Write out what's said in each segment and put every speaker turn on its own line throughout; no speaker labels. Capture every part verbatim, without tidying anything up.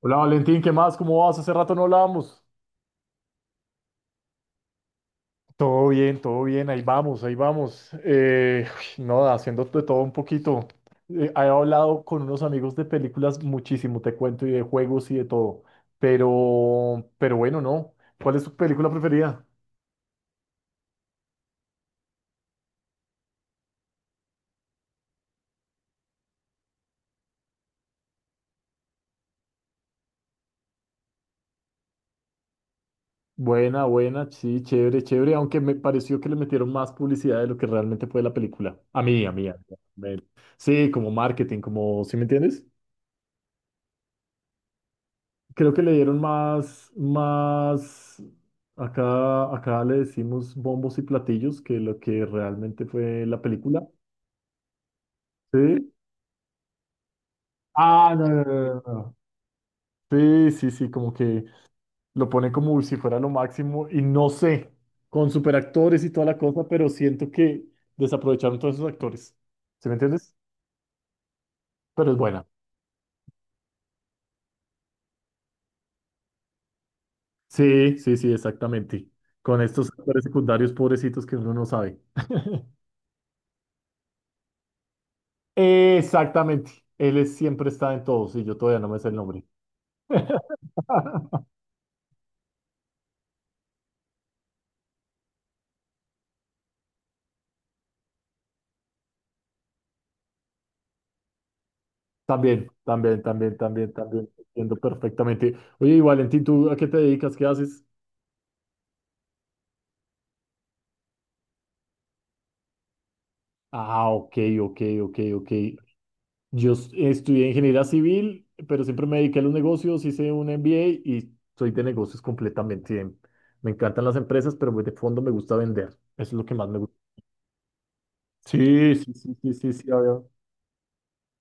Hola Valentín, ¿qué más? ¿Cómo vas? Hace rato no hablábamos. Todo bien, todo bien, ahí vamos, ahí vamos. Eh, uy, no, haciendo de todo un poquito. Eh, he hablado con unos amigos de películas muchísimo, te cuento, y de juegos y de todo. Pero, pero bueno, no. ¿Cuál es tu película preferida? Buena, buena, sí, chévere, chévere, aunque me pareció que le metieron más publicidad de lo que realmente fue la película. A mí, a mí, a mí. a mí. Sí, como marketing, como, ¿sí me entiendes? Creo que le dieron más, más, acá, acá le decimos bombos y platillos que lo que realmente fue la película. Sí. Ah, no, no, no, no, no. Sí, sí, sí, como que lo pone como si fuera lo máximo y no sé, con superactores y toda la cosa, pero siento que desaprovecharon todos esos actores. ¿Sí me entiendes? Pero es buena. Sí, sí, sí, exactamente. Con estos actores secundarios pobrecitos que uno no sabe. Exactamente. Él es- siempre está en todos y yo todavía no me sé el nombre. También, también, también, también, también. Entiendo perfectamente. Oye, y Valentín, ¿tú a qué te dedicas? ¿Qué haces? Ah, ok, ok, ok, ok. Yo s- estudié ingeniería civil, pero siempre me dediqué a los negocios, hice un M B A y soy de negocios completamente. Me encantan las empresas, pero de fondo me gusta vender. Eso es lo que más me gusta. Sí, sí, sí, sí, sí, sí, obvio.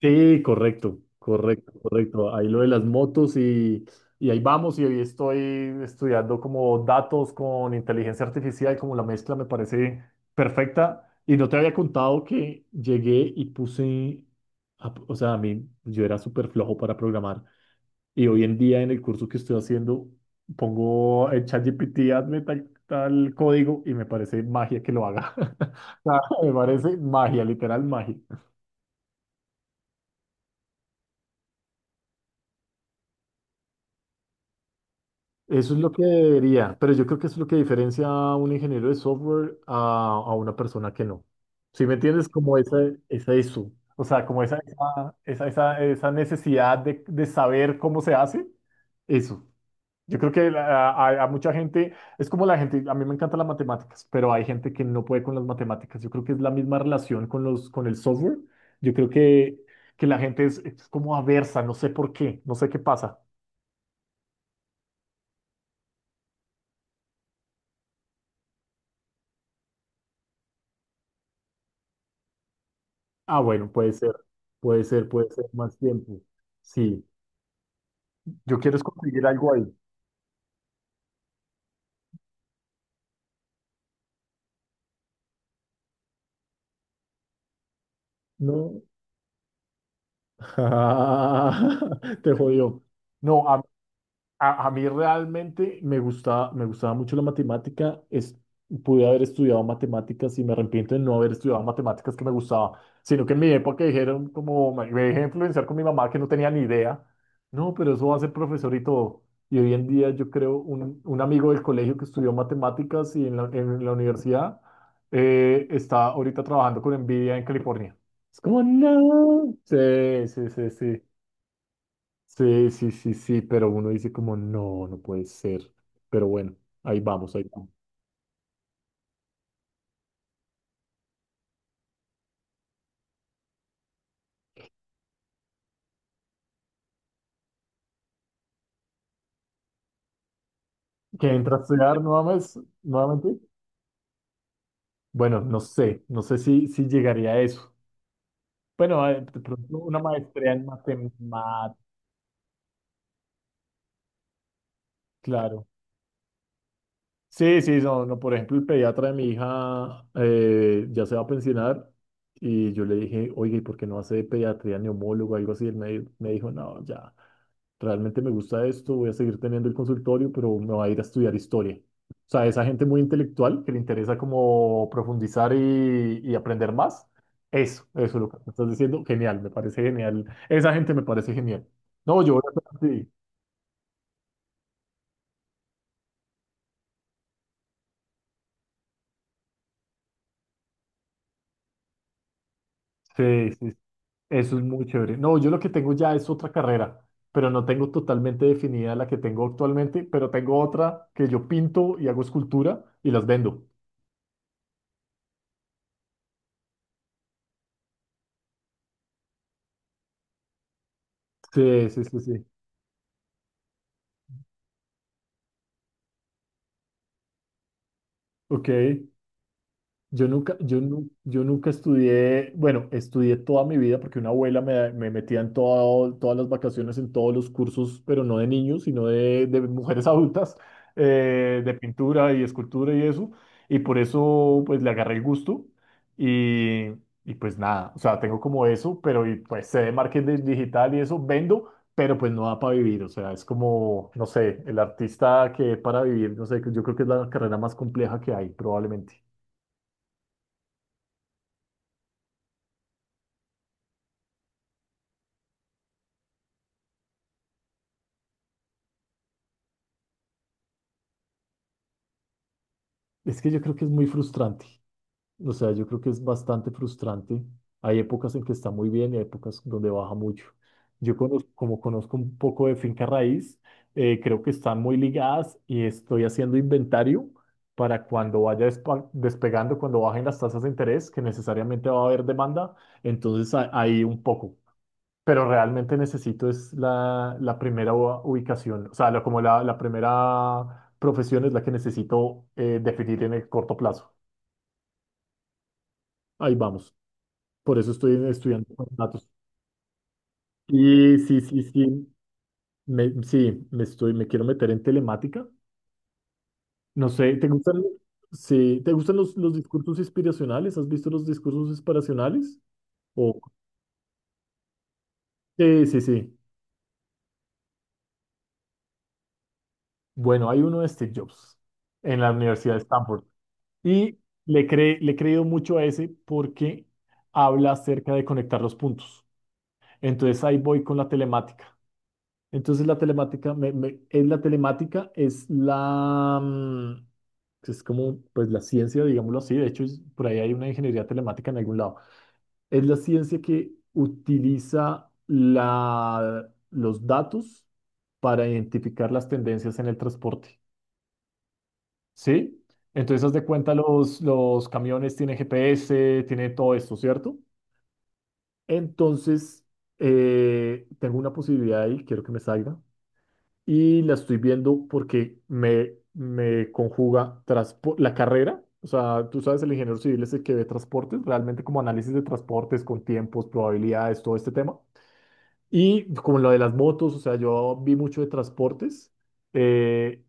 Sí, correcto, correcto, correcto. Ahí lo de las motos y, y ahí vamos y hoy estoy estudiando como datos con inteligencia artificial, como la mezcla me parece perfecta. Y no te había contado que llegué y puse, a- o sea, a mí yo era súper flojo para programar y hoy en día en el curso que estoy haciendo pongo el ChatGPT, hazme tal, tal código y me parece magia que lo haga. O sea, me parece magia, literal magia. Eso es lo que debería, pero yo creo que eso es lo que diferencia a un ingeniero de software a, a una persona que no. ¿Sí me entiendes? Como esa, esa eso, O sea, como esa, esa, esa, esa- esa necesidad de, de saber cómo se hace, eso. Yo creo que la- a, a mucha gente, es como la gente, a mí me encantan las matemáticas, pero hay gente que no puede con las matemáticas. Yo creo que es la misma relación con los, con el software. Yo creo que, que la gente es, es como aversa, no sé por qué, no sé qué pasa. Ah, bueno, puede ser, puede ser, puede ser más tiempo. Sí, yo quiero es conseguir algo ahí. No, te jodió. No, a A, a mí realmente me gustaba, me gustaba mucho la matemática. Es, pude haber estudiado matemáticas y me arrepiento de no haber estudiado matemáticas que me gustaba, sino que en mi época dijeron como me me dejé influenciar con mi mamá que no tenía ni idea. No, pero eso va a ser profesor y todo. Y hoy en día yo creo un, un amigo del colegio que estudió matemáticas y en la, en la universidad, eh, está ahorita trabajando con Nvidia en California. Es como, no. Sí, sí, sí, sí. Sí, sí, sí, sí, pero uno dice como, no, no puede ser. Pero bueno, ahí vamos, ahí vamos. ¿Qué entra a estudiar nuevamente? nuevamente? Bueno, no sé, no sé si, si llegaría a eso. Bueno, a- de pronto una maestría en matemáticas, claro. Sí, sí, no, no, por ejemplo, el pediatra de mi hija, eh, ya se va a pensionar y yo le dije, oye, ¿y por qué no hace pediatría neumólogo o algo así? Él me, me dijo, no, ya, realmente me gusta esto, voy a seguir teniendo el consultorio, pero me voy a ir a estudiar historia. O sea, esa gente muy intelectual que le interesa como profundizar y, y aprender más, eso, eso es lo que me estás diciendo, genial, me parece genial. Esa gente me parece genial. No, yo voy a... Sí, sí, sí. Eso es muy chévere. No, yo lo que tengo ya es otra carrera, pero no tengo totalmente definida la que tengo actualmente, pero tengo otra que yo pinto y hago escultura y las vendo. Sí, sí, sí, sí. Ok. Yo nunca, yo, nu- yo nunca estudié, bueno, estudié toda mi vida porque una abuela me, me metía en todo- todas las vacaciones, en todos los cursos, pero no de niños, sino de, de mujeres adultas, eh, de pintura y escultura y eso. Y por eso, pues, le agarré el gusto y, y pues nada, o sea, tengo como eso, pero y, pues sé de marketing digital y eso, vendo, pero pues no da para vivir, o sea, es como, no sé, el artista que para vivir, no sé, yo creo que es la carrera más compleja que hay, probablemente. Es que yo creo que es muy frustrante. O sea, yo creo que es bastante frustrante. Hay épocas en que está muy bien y hay épocas donde baja mucho. Yo conozco, como conozco un poco de finca raíz, eh, creo que están muy ligadas y estoy haciendo inventario para cuando vaya despa- despegando, cuando bajen las tasas de interés, que necesariamente va a haber demanda. Entonces, a- ahí un poco, pero realmente necesito es la, la primera u- ubicación, o sea, la- como la, la primera profesión es la que necesito, eh, definir en el corto plazo. Ahí vamos. Por eso estoy estudiando con datos. Y sí, sí, sí, me, sí, me estoy, me quiero meter en telemática. No sé, ¿te gustan, sí, ¿te gustan los, los discursos inspiracionales? ¿Has visto los discursos inspiracionales? O, sí, sí, sí. Bueno, hay uno de Steve Jobs en la Universidad de Stanford. Y le, cre- le he creído mucho a ese porque habla acerca de conectar los puntos. Entonces ahí voy con la telemática. Entonces la telemática me- me- es la telemática, es la, mm, es como pues la ciencia, digámoslo así. De hecho, es- por ahí hay una ingeniería telemática en algún lado. Es la ciencia que utiliza la, los datos para identificar las tendencias en el transporte. ¿Sí? Entonces, haz de cuenta, los, los camiones tienen G P S, tienen todo esto, ¿cierto? Entonces, eh, tengo una posibilidad ahí, quiero que me salga, y la estoy viendo porque me, me conjuga transpo- la carrera. O sea, tú sabes, el ingeniero civil es el que ve transportes, realmente como análisis de transportes con tiempos, probabilidades, todo este tema. Y como lo de las motos, o sea, yo vi mucho de transportes, eh,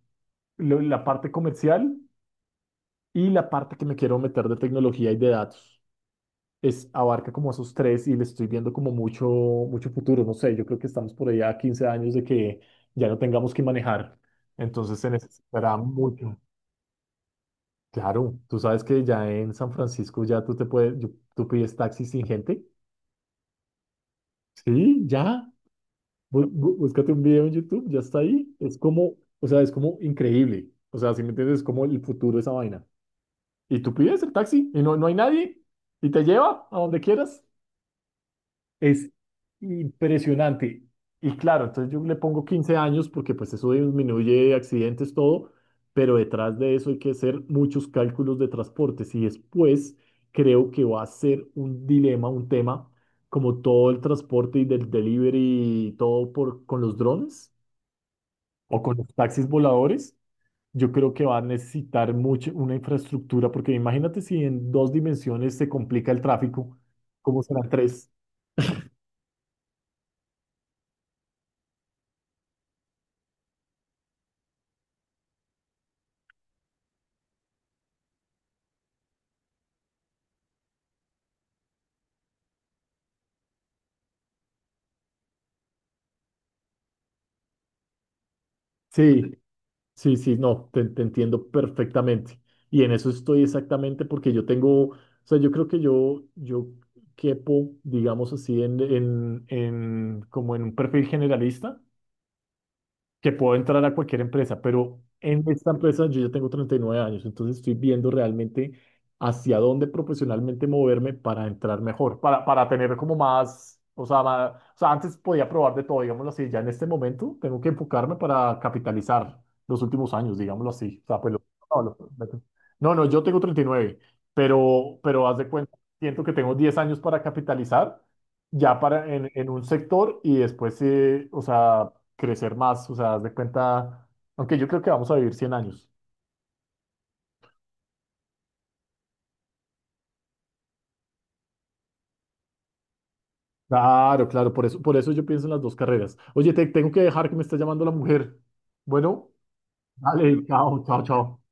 lo- la parte comercial y la parte que me quiero meter de tecnología y de datos es, abarca como esos tres y le estoy viendo como mucho, mucho futuro. No sé, yo creo que estamos por allá a quince años de que ya no tengamos que manejar. Entonces se necesitará mucho. Claro, tú sabes que ya en San Francisco ya tú te puedes, yo- tú pides taxi sin gente. Sí, ya. Bú- bú- búscate un video en YouTube, ya está ahí. Es como, o sea, es como increíble. O sea, si me entiendes, es como el futuro de esa vaina. Y tú pides el taxi y no, no hay nadie y te lleva a donde quieras. Es impresionante. Y claro, entonces yo le pongo quince años porque pues eso disminuye accidentes, todo, pero detrás de eso hay que hacer muchos cálculos de transportes y después creo que va a ser un dilema, un tema, como todo el transporte y del delivery y todo por, con los drones o con los taxis voladores. Yo creo que va a necesitar mucho una infraestructura porque imagínate si en dos dimensiones se complica el tráfico, ¿cómo serán tres? Sí. Sí, sí, no, te, te entiendo perfectamente. Y en eso estoy exactamente porque yo tengo, o sea, yo creo que yo, yo quepo, digamos así, en, en, en, como en un perfil generalista, que puedo entrar a cualquier empresa, pero en esta empresa yo ya tengo treinta y nueve años, entonces estoy viendo realmente hacia dónde profesionalmente moverme para entrar mejor, para, para tener como más, o sea, más- o sea, antes podía probar de todo, digámoslo así, ya en este momento tengo que enfocarme para capitalizar los últimos años, digámoslo así. O sea, pues lo- no, lo- no, no, yo tengo treinta y nueve, pero, pero haz de cuenta, siento que tengo diez años para capitalizar ya para en, en un sector y después, eh, o sea, crecer más, o sea, haz de cuenta, aunque yo creo que vamos a vivir cien años. Claro, claro, por eso, por eso yo pienso en las dos carreras. Oye, te tengo que dejar que me está llamando la mujer. Bueno, dale, chao, chao, chao.